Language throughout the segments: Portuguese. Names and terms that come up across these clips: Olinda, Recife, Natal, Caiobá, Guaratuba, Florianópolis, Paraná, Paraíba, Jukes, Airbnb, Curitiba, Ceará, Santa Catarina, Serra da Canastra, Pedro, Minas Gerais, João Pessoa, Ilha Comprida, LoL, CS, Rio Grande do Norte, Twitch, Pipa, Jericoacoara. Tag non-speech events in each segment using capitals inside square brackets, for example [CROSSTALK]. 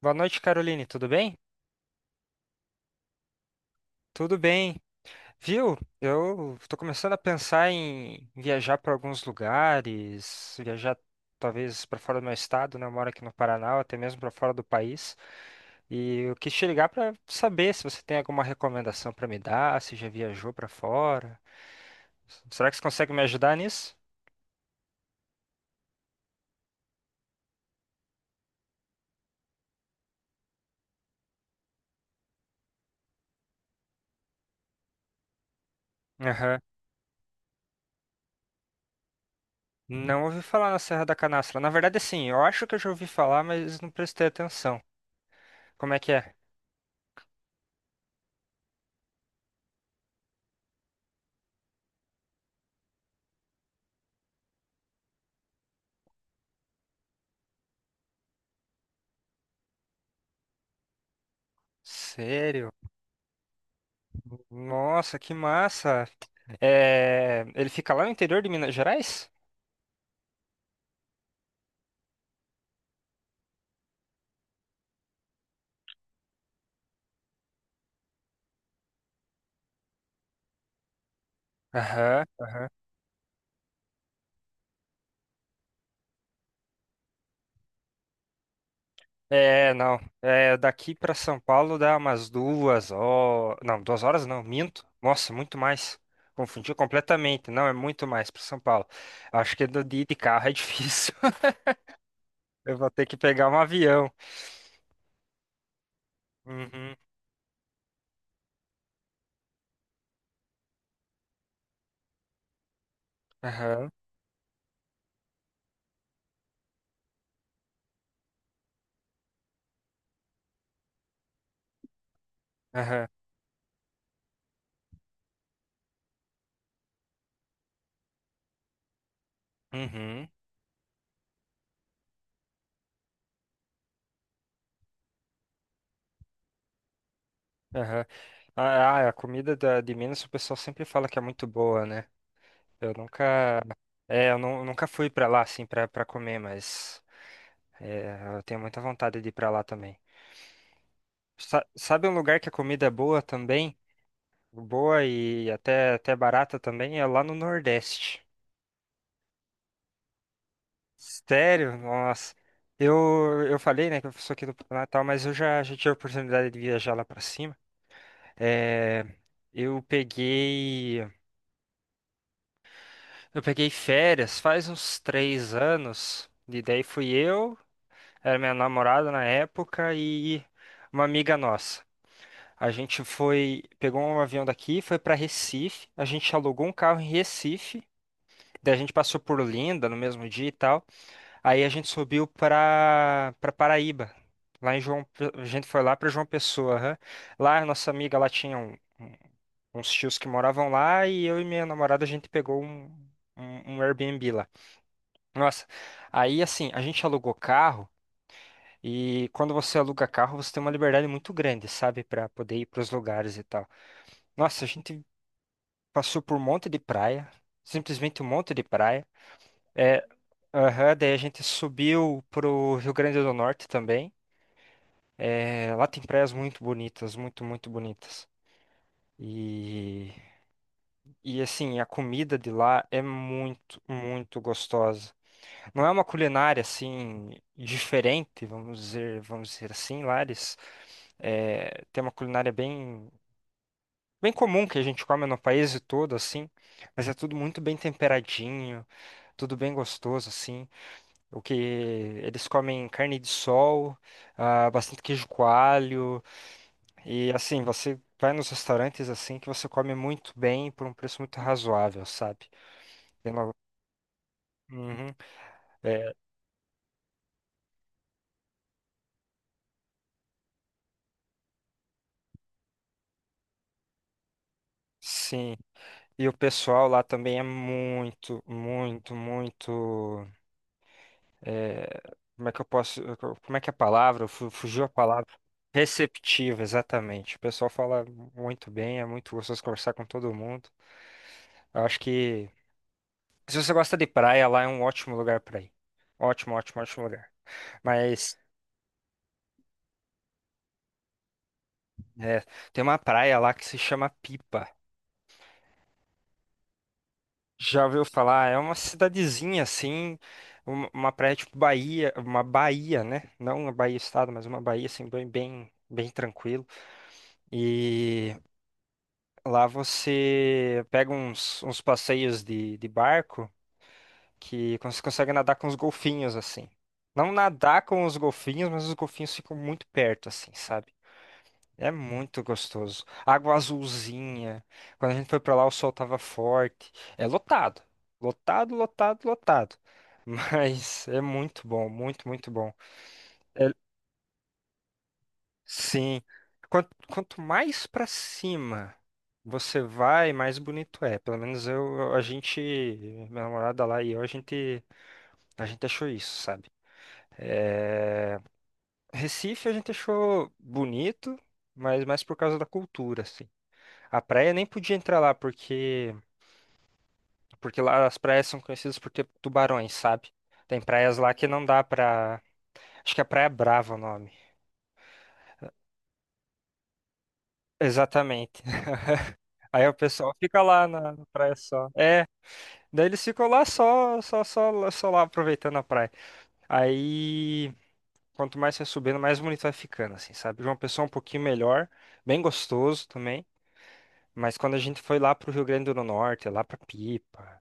Boa noite, Caroline. Tudo bem? Tudo bem. Viu? Eu tô começando a pensar em viajar para alguns lugares, viajar talvez para fora do meu estado, né? Eu moro aqui no Paraná, ou até mesmo para fora do país. E eu quis te ligar para saber se você tem alguma recomendação para me dar, se já viajou para fora. Será que você consegue me ajudar nisso? Aham. Não ouvi falar na Serra da Canastra. Na verdade, assim, eu acho que eu já ouvi falar, mas não prestei atenção. Como é que é? Sério? Nossa, que massa! É, ele fica lá no interior de Minas Gerais? Aham. É, não. É, daqui pra São Paulo dá umas duas horas. Não, duas horas não, minto. Nossa, muito mais. Confundi completamente. Não, é muito mais pra São Paulo. Acho que de ir de carro é difícil. [LAUGHS] Eu vou ter que pegar um avião. Uhum. Aham. Aham. Uhum. Aham. Ah, a comida de Minas o pessoal sempre fala que é muito boa, né? Eu nunca, é, eu nu- nunca fui pra lá assim pra para comer, mas eu tenho muita vontade de ir pra lá também. Sabe um lugar que a comida é boa também, boa e até barata também é lá no Nordeste. Sério? Nossa. Eu falei, né, que eu sou aqui do Paraná e tal, mas eu já tive a oportunidade de viajar lá pra cima. É, eu peguei eu peguei férias faz uns 3 anos. E daí fui eu Era minha namorada na época e uma amiga nossa. A gente foi, pegou um avião daqui, foi para Recife, a gente alugou um carro em Recife, daí a gente passou por Olinda no mesmo dia e tal. Aí a gente subiu para Paraíba. Lá em João, Pe- A gente foi lá para João Pessoa, aham. Lá a nossa amiga lá tinha uns tios que moravam lá e eu e minha namorada a gente pegou um um Airbnb lá. Nossa, aí assim, a gente alugou carro. E quando você aluga carro, você tem uma liberdade muito grande, sabe, para poder ir para os lugares e tal. Nossa, a gente passou por um monte de praia, simplesmente um monte de praia. É, aham, daí a gente subiu pro Rio Grande do Norte também. É, lá tem praias muito bonitas, muito, muito bonitas. E, e assim, a comida de lá é muito, muito gostosa. Não é uma culinária assim diferente, vamos dizer assim, Lares. É, tem uma culinária bem comum que a gente come no país todo, assim, mas é tudo muito bem temperadinho, tudo bem gostoso, assim. O que eles comem carne de sol, ah, bastante queijo coalho, e assim, você vai nos restaurantes assim que você come muito bem por um preço muito razoável, sabe? Tem uma- Uhum. é, Sim, e o pessoal lá também é muito, muito, muito. é, Como é que eu posso, como é que é a palavra? Fugiu a palavra. Receptiva, exatamente. O pessoal fala muito bem, é muito gostoso conversar com todo mundo. Eu acho que se você gosta de praia, lá é um ótimo lugar pra ir. Ótimo, ótimo, ótimo lugar. Mas é, tem uma praia lá que se chama Pipa. Já ouviu falar? É uma cidadezinha assim, uma praia tipo Bahia, uma Bahia, né? Não uma Bahia Estado, mas uma Bahia assim bem, bem, bem tranquilo. E lá você pega uns passeios de barco que você consegue nadar com os golfinhos, assim. Não nadar com os golfinhos, mas os golfinhos ficam muito perto, assim, sabe? É muito gostoso. Água azulzinha. Quando a gente foi pra lá, o sol tava forte. É lotado. Lotado, lotado, lotado. [LAUGHS] Mas é muito bom, muito, muito bom. Sim. Quanto, quanto mais pra cima você vai, mais bonito é. Pelo menos eu, a gente, minha namorada lá e eu, a gente achou isso, sabe? É, Recife a gente achou bonito, mas mais por causa da cultura, assim. A praia nem podia entrar lá porque, porque lá as praias são conhecidas por ter tubarões, sabe? Tem praias lá que não dá pra. Acho que é Praia Brava o nome. Exatamente. [LAUGHS] Aí o pessoal fica lá na praia só. É, daí eles ficam lá só, só, só, só lá aproveitando a praia. Aí, quanto mais você vai subindo, mais bonito vai ficando, assim, sabe? João Pessoa é um pouquinho melhor, bem gostoso também. Mas quando a gente foi lá pro Rio Grande do Norte, lá pra Pipa,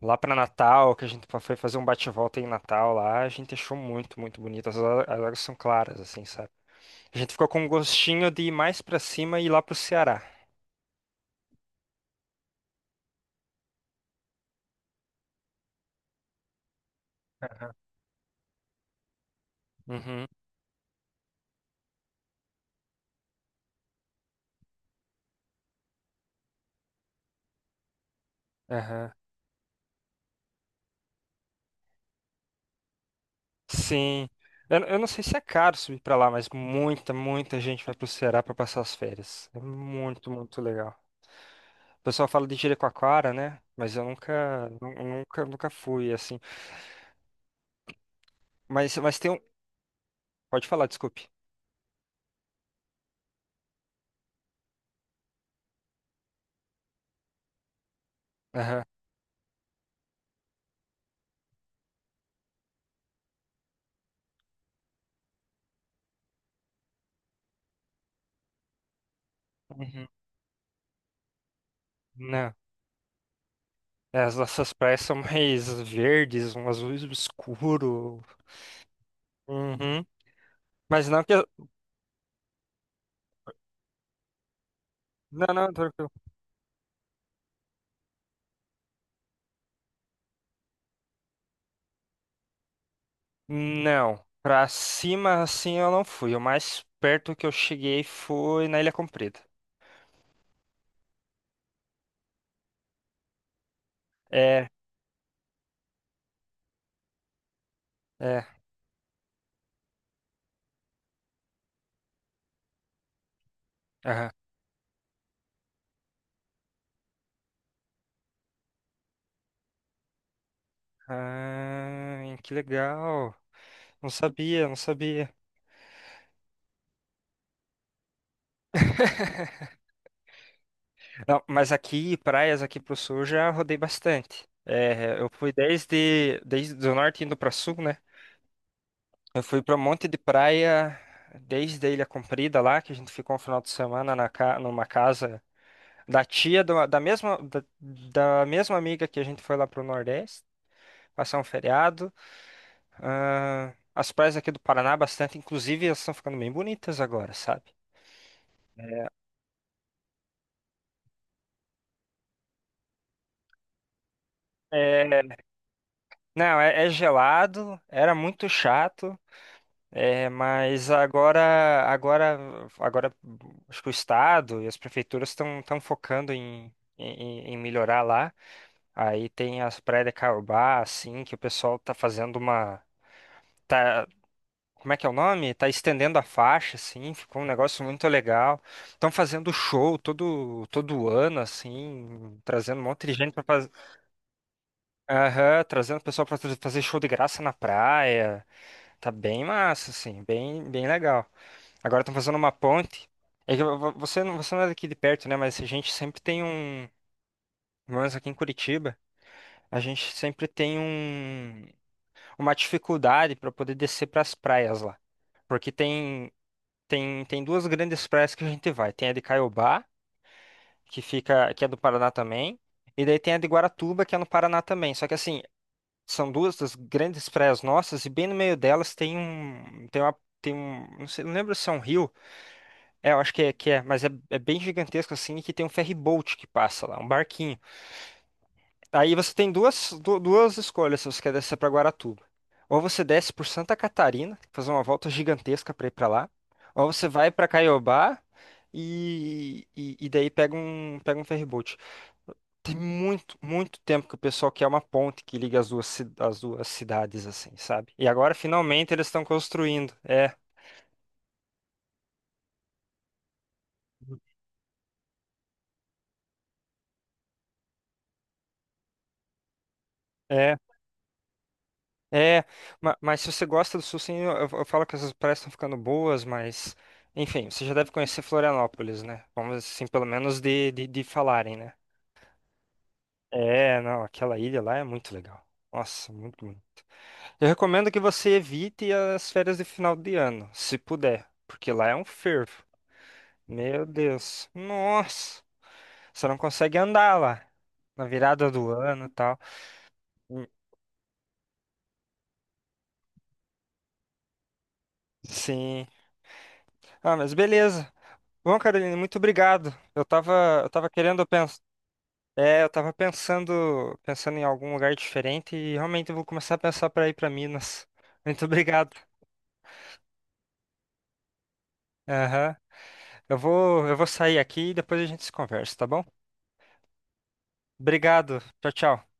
lá pra Natal, que a gente foi fazer um bate-volta em Natal lá, a gente achou muito, muito bonito. As águas são claras, assim, sabe? A gente ficou com um gostinho de ir mais pra cima e ir lá pro Ceará. Uhum. Aham. Sim. Eu não sei se é caro subir pra lá, mas muita, muita gente vai pro Ceará pra passar as férias. É muito, muito legal. O pessoal fala de Jericoacoara, né? Mas eu nunca, nu- nunca, nunca fui assim. Mas tem um. Pode falar, desculpe. Aham. Uhum. Não. É, as nossas praias são mais verdes, um azul escuro. Uhum. Mas não que eu... Não, não, tranquilo. Não. Pra cima, assim, eu não fui. O mais perto que eu cheguei foi na Ilha Comprida. É, é. Aham. Ah, que legal. Não sabia, não sabia. [LAUGHS] Não, mas aqui, praias aqui pro sul, eu já rodei bastante. É, eu fui desde do norte indo pra sul, né? Eu fui pra um monte de praia, desde a Ilha Comprida lá, que a gente ficou um final de semana na, numa casa da tia, da mesma, da mesma amiga que a gente foi lá pro Nordeste, passar um feriado. Ah, as praias aqui do Paraná, bastante, inclusive, elas estão ficando bem bonitas agora, sabe? É, não, é, gelado, era muito chato, é, mas agora, agora, agora, acho que o estado e as prefeituras estão focando em, melhorar lá. Aí tem as praias de Caiobá, assim, que o pessoal tá fazendo uma, tá como é que é o nome? Tá estendendo a faixa, assim, ficou um negócio muito legal. Estão fazendo show todo ano, assim, trazendo um monte de gente para fazer, aham, trazendo o pessoal para fazer show de graça na praia. Tá bem massa, assim, bem legal. Agora estão fazendo uma ponte. É que você não, você não é daqui de perto, né? Mas a gente sempre tem um, pelo menos aqui em Curitiba, a gente sempre tem uma dificuldade para poder descer para as praias lá. Porque tem. Tem, tem duas grandes praias que a gente vai. Tem a de Caiobá, que fica, que é do Paraná também, e daí tem a de Guaratuba, que é no Paraná também. Só que assim, são duas das grandes praias nossas e bem no meio delas tem um, tem uma, tem um, não sei, não lembro se é um rio. É, eu acho que é, mas é, é bem gigantesco assim, e que tem um ferry boat que passa lá, um barquinho. Aí você tem duas escolhas se você quer descer para Guaratuba. Ou você desce por Santa Catarina, fazer uma volta gigantesca para ir para lá, ou você vai para Caiobá e daí pega um ferryboat. Tem muito, muito tempo que o pessoal quer uma ponte que liga as duas cidades, assim, sabe? E agora finalmente eles estão construindo. É, é. É, mas se você gosta do Sul, sim, eu falo que essas praias estão ficando boas, mas enfim, você já deve conhecer Florianópolis, né? Vamos assim, pelo menos de falarem, né? É, não, aquela ilha lá é muito legal. Nossa, muito, muito. Eu recomendo que você evite as férias de final de ano, se puder, porque lá é um fervo. Meu Deus, nossa, você não consegue andar lá na virada do ano e tal. Hum, Sim. Ah, mas beleza. Bom, Carolina, muito obrigado. Eu tava querendo pensar, é, eu tava pensando em algum lugar diferente e realmente eu vou começar a pensar para ir para Minas. [LAUGHS] Muito obrigado. Aham. Eu vou sair aqui e depois a gente se conversa, tá bom? Obrigado. Tchau, tchau.